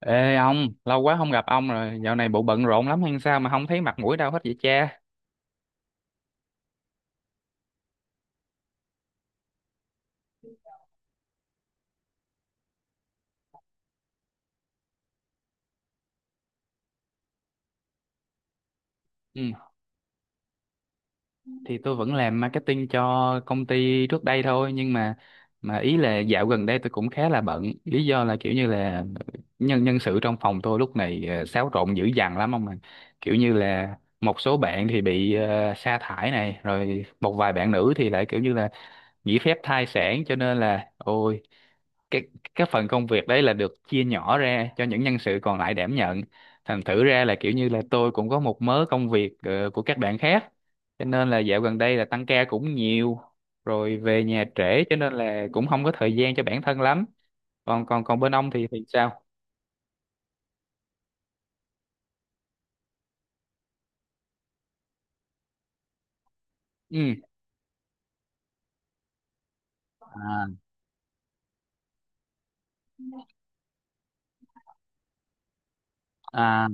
Ê ông, lâu quá không gặp ông rồi, dạo này bộ bận rộn lắm hay sao mà không thấy mặt mũi đâu hết vậy cha? Ừ, thì tôi vẫn làm marketing cho công ty trước đây thôi, nhưng mà ý là dạo gần đây tôi cũng khá là bận, lý do là kiểu như là nhân nhân sự trong phòng tôi lúc này xáo trộn dữ dằn lắm ông mà. Kiểu như là một số bạn thì bị sa thải này, rồi một vài bạn nữ thì lại kiểu như là nghỉ phép thai sản, cho nên là ôi cái cái phần công việc đấy là được chia nhỏ ra cho những nhân sự còn lại đảm nhận, thành thử ra là kiểu như là tôi cũng có một mớ công việc của các bạn khác, cho nên là dạo gần đây là tăng ca cũng nhiều, rồi về nhà trễ cho nên là cũng không có thời gian cho bản thân lắm. Còn còn Còn bên ông thì sao? Ừ. À.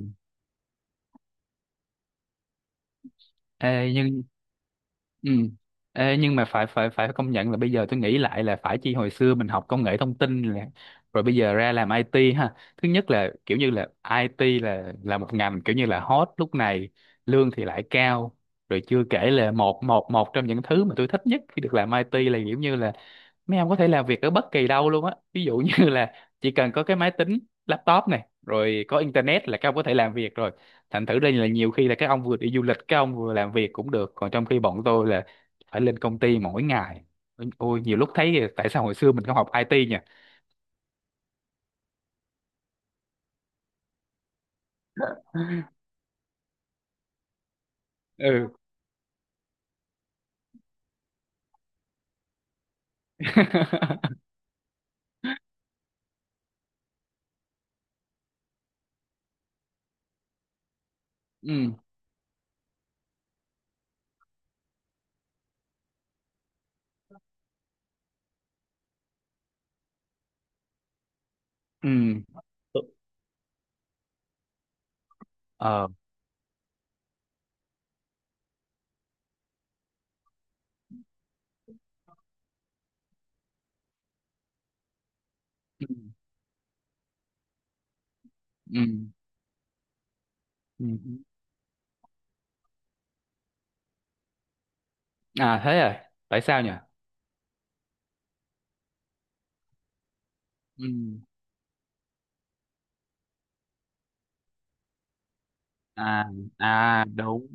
Ê, nhưng Ừ. Ê, nhưng mà phải phải phải công nhận là bây giờ tôi nghĩ lại là phải chi hồi xưa mình học công nghệ thông tin là rồi bây giờ ra làm IT ha. Thứ nhất là kiểu như là IT là một ngành kiểu như là hot lúc này, lương thì lại cao. Rồi chưa kể là một một một trong những thứ mà tôi thích nhất khi được làm IT là kiểu như là mấy em có thể làm việc ở bất kỳ đâu luôn á, ví dụ như là chỉ cần có cái máy tính, laptop này rồi có internet là các ông có thể làm việc rồi, thành thử đây là nhiều khi là các ông vừa đi du lịch các ông vừa làm việc cũng được, còn trong khi bọn tôi là phải lên công ty mỗi ngày, ôi nhiều lúc thấy tại sao hồi xưa mình không học IT nhỉ. Ừ. Ừ. Ừ. Ờ. Ừ. Ừ. Ừ. Ừ. À, thế à, tại sao nhỉ? Ừ. À. À đúng,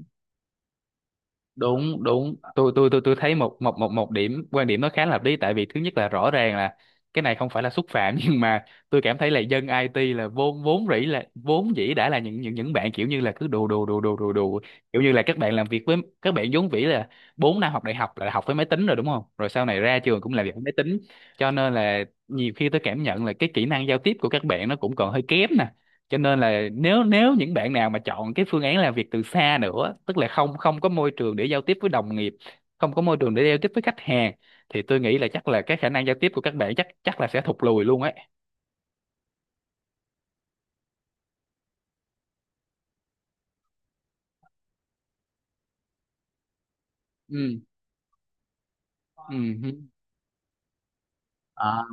đúng, đúng, tôi tôi thấy một một một một điểm quan điểm nó khá là hợp lý, tại vì thứ nhất là rõ ràng là cái này không phải là xúc phạm, nhưng mà tôi cảm thấy là dân IT là vốn vốn rỉ là vốn dĩ đã là những bạn kiểu như là cứ đù đù đù đù đù đù, kiểu như là các bạn làm việc với các bạn vốn vĩ là 4 năm học đại học là học với máy tính rồi, đúng không? Rồi sau này ra trường cũng làm việc với máy tính, cho nên là nhiều khi tôi cảm nhận là cái kỹ năng giao tiếp của các bạn nó cũng còn hơi kém, cho nên là nếu nếu những bạn nào mà chọn cái phương án làm việc từ xa nữa, tức là không không có môi trường để giao tiếp với đồng nghiệp, không có môi trường để giao tiếp với khách hàng, thì tôi nghĩ là chắc là cái khả năng giao tiếp của các bạn chắc chắc là sẽ thụt lùi luôn ấy. Ừ. Ừ. Ừ. À.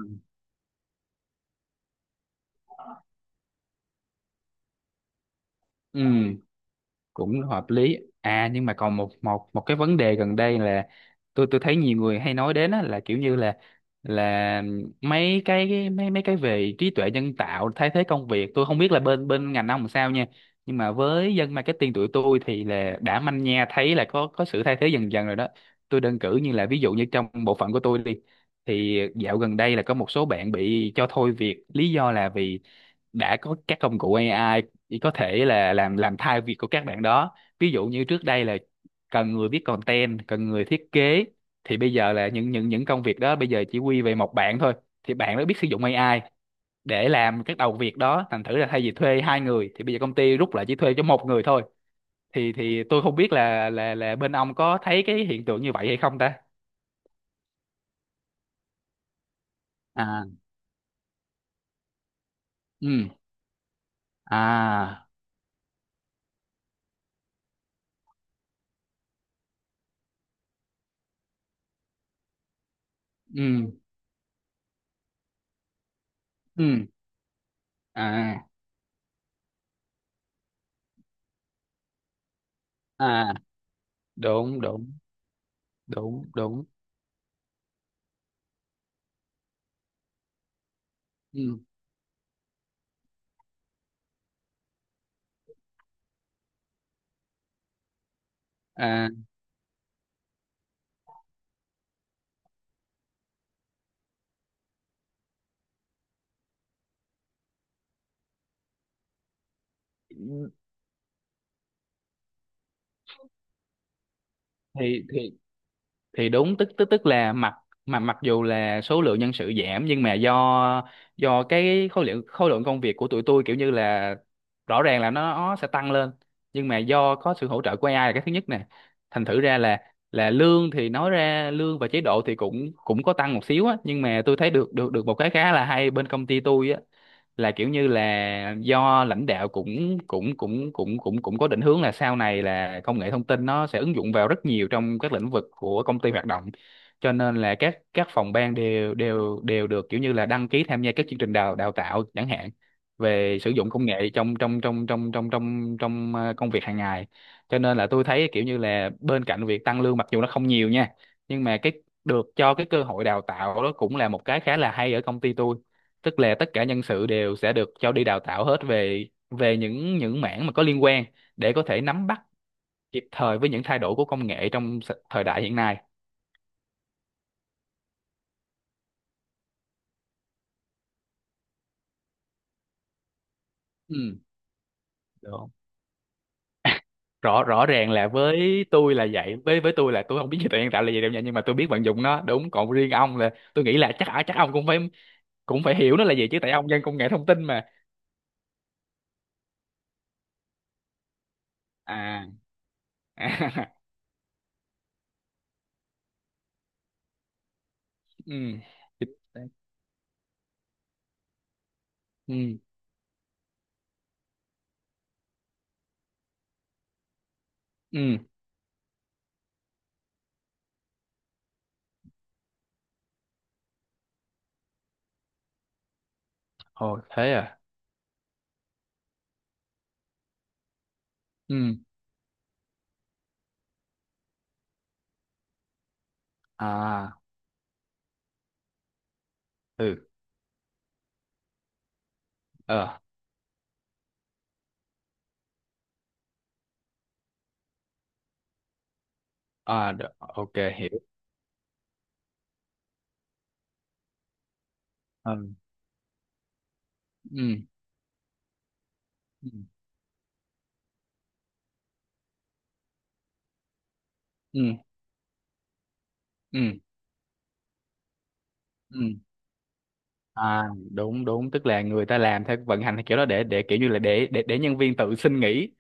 Ừ, cũng hợp lý. À nhưng mà còn một một một cái vấn đề gần đây là tôi thấy nhiều người hay nói đến á, là kiểu như là là mấy cái về trí tuệ nhân tạo thay thế công việc, tôi không biết là bên bên ngành ông làm sao nha, nhưng mà với dân marketing tụi tôi thì là đã manh nha thấy là có sự thay thế dần dần rồi đó. Tôi đơn cử như là ví dụ như trong bộ phận của tôi đi, thì dạo gần đây là có một số bạn bị cho thôi việc, lý do là vì đã có các công cụ AI chỉ có thể là làm thay việc của các bạn đó, ví dụ như trước đây là cần người viết content, cần người thiết kế, thì bây giờ là những công việc đó bây giờ chỉ quy về một bạn thôi, thì bạn đó biết sử dụng AI để làm các đầu việc đó, thành thử là thay vì thuê hai người thì bây giờ công ty rút lại chỉ thuê cho một người thôi, thì tôi không biết là bên ông có thấy cái hiện tượng như vậy hay không ta? À. Ừ. À. Ừ. Ừ. À. À, đúng, đúng, đúng, đúng. Ừ. À. thì thì thì đúng, tức tức tức là mà mặc dù là số lượng nhân sự giảm nhưng mà do cái khối lượng công việc của tụi tôi kiểu như là rõ ràng là nó sẽ tăng lên, nhưng mà do có sự hỗ trợ của AI là cái thứ nhất nè, thành thử ra là lương thì nói ra lương và chế độ thì cũng cũng có tăng một xíu á, nhưng mà tôi thấy được được được một cái khá là hay bên công ty tôi á, là kiểu như là do lãnh đạo cũng cũng cũng cũng cũng cũng có định hướng là sau này là công nghệ thông tin nó sẽ ứng dụng vào rất nhiều trong các lĩnh vực của công ty hoạt động, cho nên là các phòng ban đều đều đều được kiểu như là đăng ký tham gia các chương trình đào đào tạo chẳng hạn về sử dụng công nghệ trong trong trong trong trong trong trong công việc hàng ngày, cho nên là tôi thấy kiểu như là bên cạnh việc tăng lương mặc dù nó không nhiều nha, nhưng mà cái được cho cái cơ hội đào tạo đó cũng là một cái khá là hay ở công ty tôi, tức là tất cả nhân sự đều sẽ được cho đi đào tạo hết về về những mảng mà có liên quan, để có thể nắm bắt kịp thời với những thay đổi của công nghệ trong thời đại hiện nay. Ừ. Đó. Rõ Rõ ràng là với tôi là vậy, với tôi là tôi không biết trí tuệ nhân tạo là gì đâu nha, nhưng mà tôi biết vận dụng nó, đúng? Còn riêng ông là tôi nghĩ là chắc, chắc ông cũng phải hiểu nó là gì chứ, tại ông dân công nghệ thông tin mà. À. À. Ừ. Chính xác. Ừ. Ừ. Ồ, thế à? Ừ. À. Ừ. Ờ. À, được. OK. Hiểu. Ừ. Ừ. Ừ. Ừ. Ừ. Ừ. À đúng, đúng, tức là người ta làm theo vận hành theo kiểu đó, để kiểu như là để nhân viên tự xin nghỉ,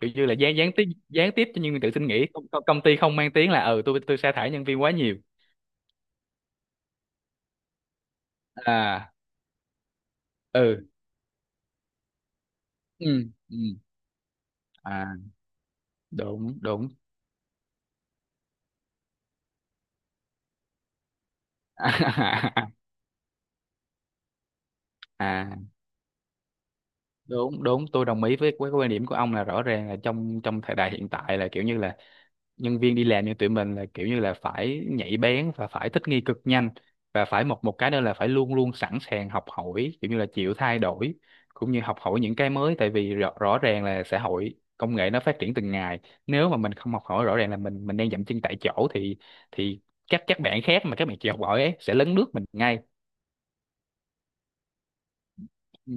kiểu như là gián gián tiếp, gián tiếp cho nhân viên tự xin nghỉ, công ty không mang tiếng là ừ tôi sa thải nhân viên quá nhiều. À. Ừ. Ừ. Ừ. À, đúng, đúng. À đúng, đúng, tôi đồng ý với cái quan điểm của ông là rõ ràng là trong trong thời đại hiện tại là kiểu như là nhân viên đi làm như tụi mình là kiểu như là phải nhạy bén và phải thích nghi cực nhanh, và phải một một cái nữa là phải luôn luôn sẵn sàng học hỏi kiểu như là chịu thay đổi cũng như học hỏi những cái mới, tại vì rõ ràng là xã hội công nghệ nó phát triển từng ngày, nếu mà mình không học hỏi rõ ràng là mình đang dậm chân tại chỗ, thì thì các bạn khác mà các bạn chịu học hỏi ấy sẽ lấn lướt mình ngay. Ừ.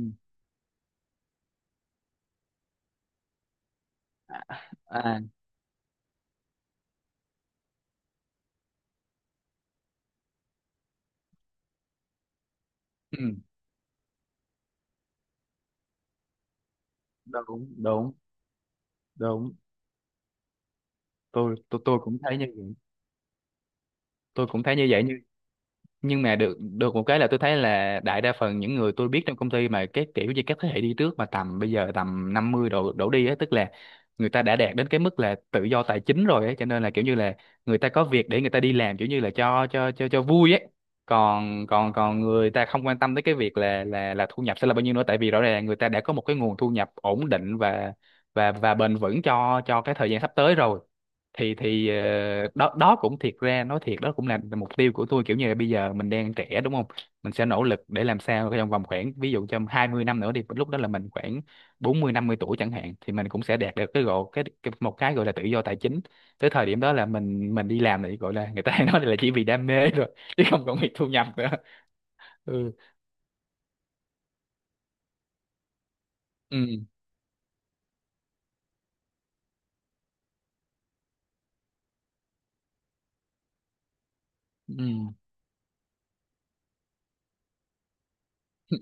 À. Ừ, đúng, đúng, đúng, tôi tôi cũng thấy như vậy, tôi cũng thấy như vậy, nhưng mà được được một cái là tôi thấy là đại đa phần những người tôi biết trong công ty mà cái kiểu như các thế hệ đi trước mà tầm bây giờ tầm 50 đổ đổ đi á, tức là người ta đã đạt đến cái mức là tự do tài chính rồi ấy, cho nên là kiểu như là người ta có việc để người ta đi làm, kiểu như là cho vui ấy, còn còn còn người ta không quan tâm tới cái việc là thu nhập sẽ là bao nhiêu nữa, tại vì rõ ràng là người ta đã có một cái nguồn thu nhập ổn định và bền vững cho cái thời gian sắp tới rồi. Thì đó đó cũng, thiệt ra nói thiệt, đó cũng là mục tiêu của tôi, kiểu như là bây giờ mình đang trẻ, đúng không? Mình sẽ nỗ lực để làm sao trong vòng khoảng ví dụ trong 20 năm nữa đi, lúc đó là mình khoảng 40 50 tuổi chẳng hạn thì mình cũng sẽ đạt được cái gọi cái một cái gọi là tự do tài chính. Tới thời điểm đó là mình đi làm thì gọi là người ta hay nói là chỉ vì đam mê rồi, chứ không còn vì thu nhập nữa. Ừ. Ừ. Ừ.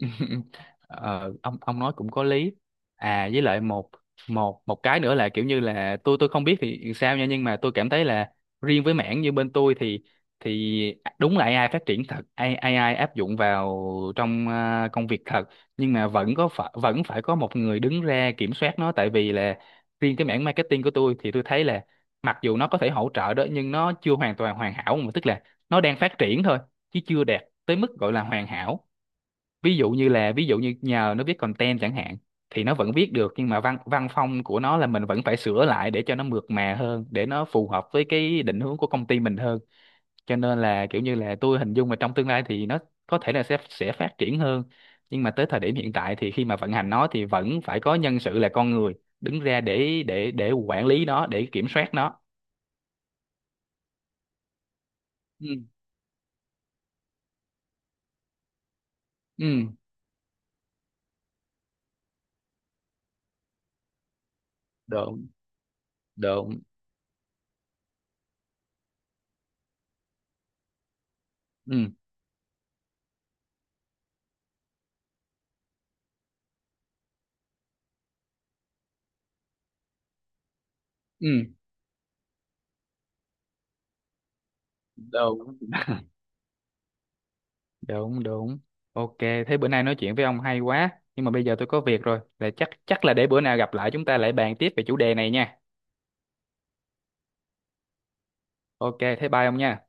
Ờ, ông nói cũng có lý. À, với lại một một một cái nữa là kiểu như là tôi không biết thì sao nha, nhưng mà tôi cảm thấy là riêng với mảng như bên tôi thì đúng là AI phát triển thật, AI, AI áp dụng vào trong công việc thật, nhưng mà vẫn phải có một người đứng ra kiểm soát nó, tại vì là riêng cái mảng marketing của tôi thì tôi thấy là mặc dù nó có thể hỗ trợ đó nhưng nó chưa hoàn toàn hoàn hảo mà, tức là nó đang phát triển thôi chứ chưa đạt tới mức gọi là hoàn hảo, ví dụ như là ví dụ như nhờ nó viết content chẳng hạn thì nó vẫn viết được, nhưng mà văn văn phong của nó là mình vẫn phải sửa lại để cho nó mượt mà hơn, để nó phù hợp với cái định hướng của công ty mình hơn, cho nên là kiểu như là tôi hình dung là trong tương lai thì nó có thể là sẽ phát triển hơn, nhưng mà tới thời điểm hiện tại thì khi mà vận hành nó thì vẫn phải có nhân sự là con người đứng ra để quản lý nó để kiểm soát nó. Ừ. Ừ. Đúng, đúng. Ừ. Ừ. Đúng, đúng, đúng. OK, thế bữa nay nói chuyện với ông hay quá, nhưng mà bây giờ tôi có việc rồi là chắc chắc là để bữa nào gặp lại chúng ta lại bàn tiếp về chủ đề này nha. OK, thế bye ông nha.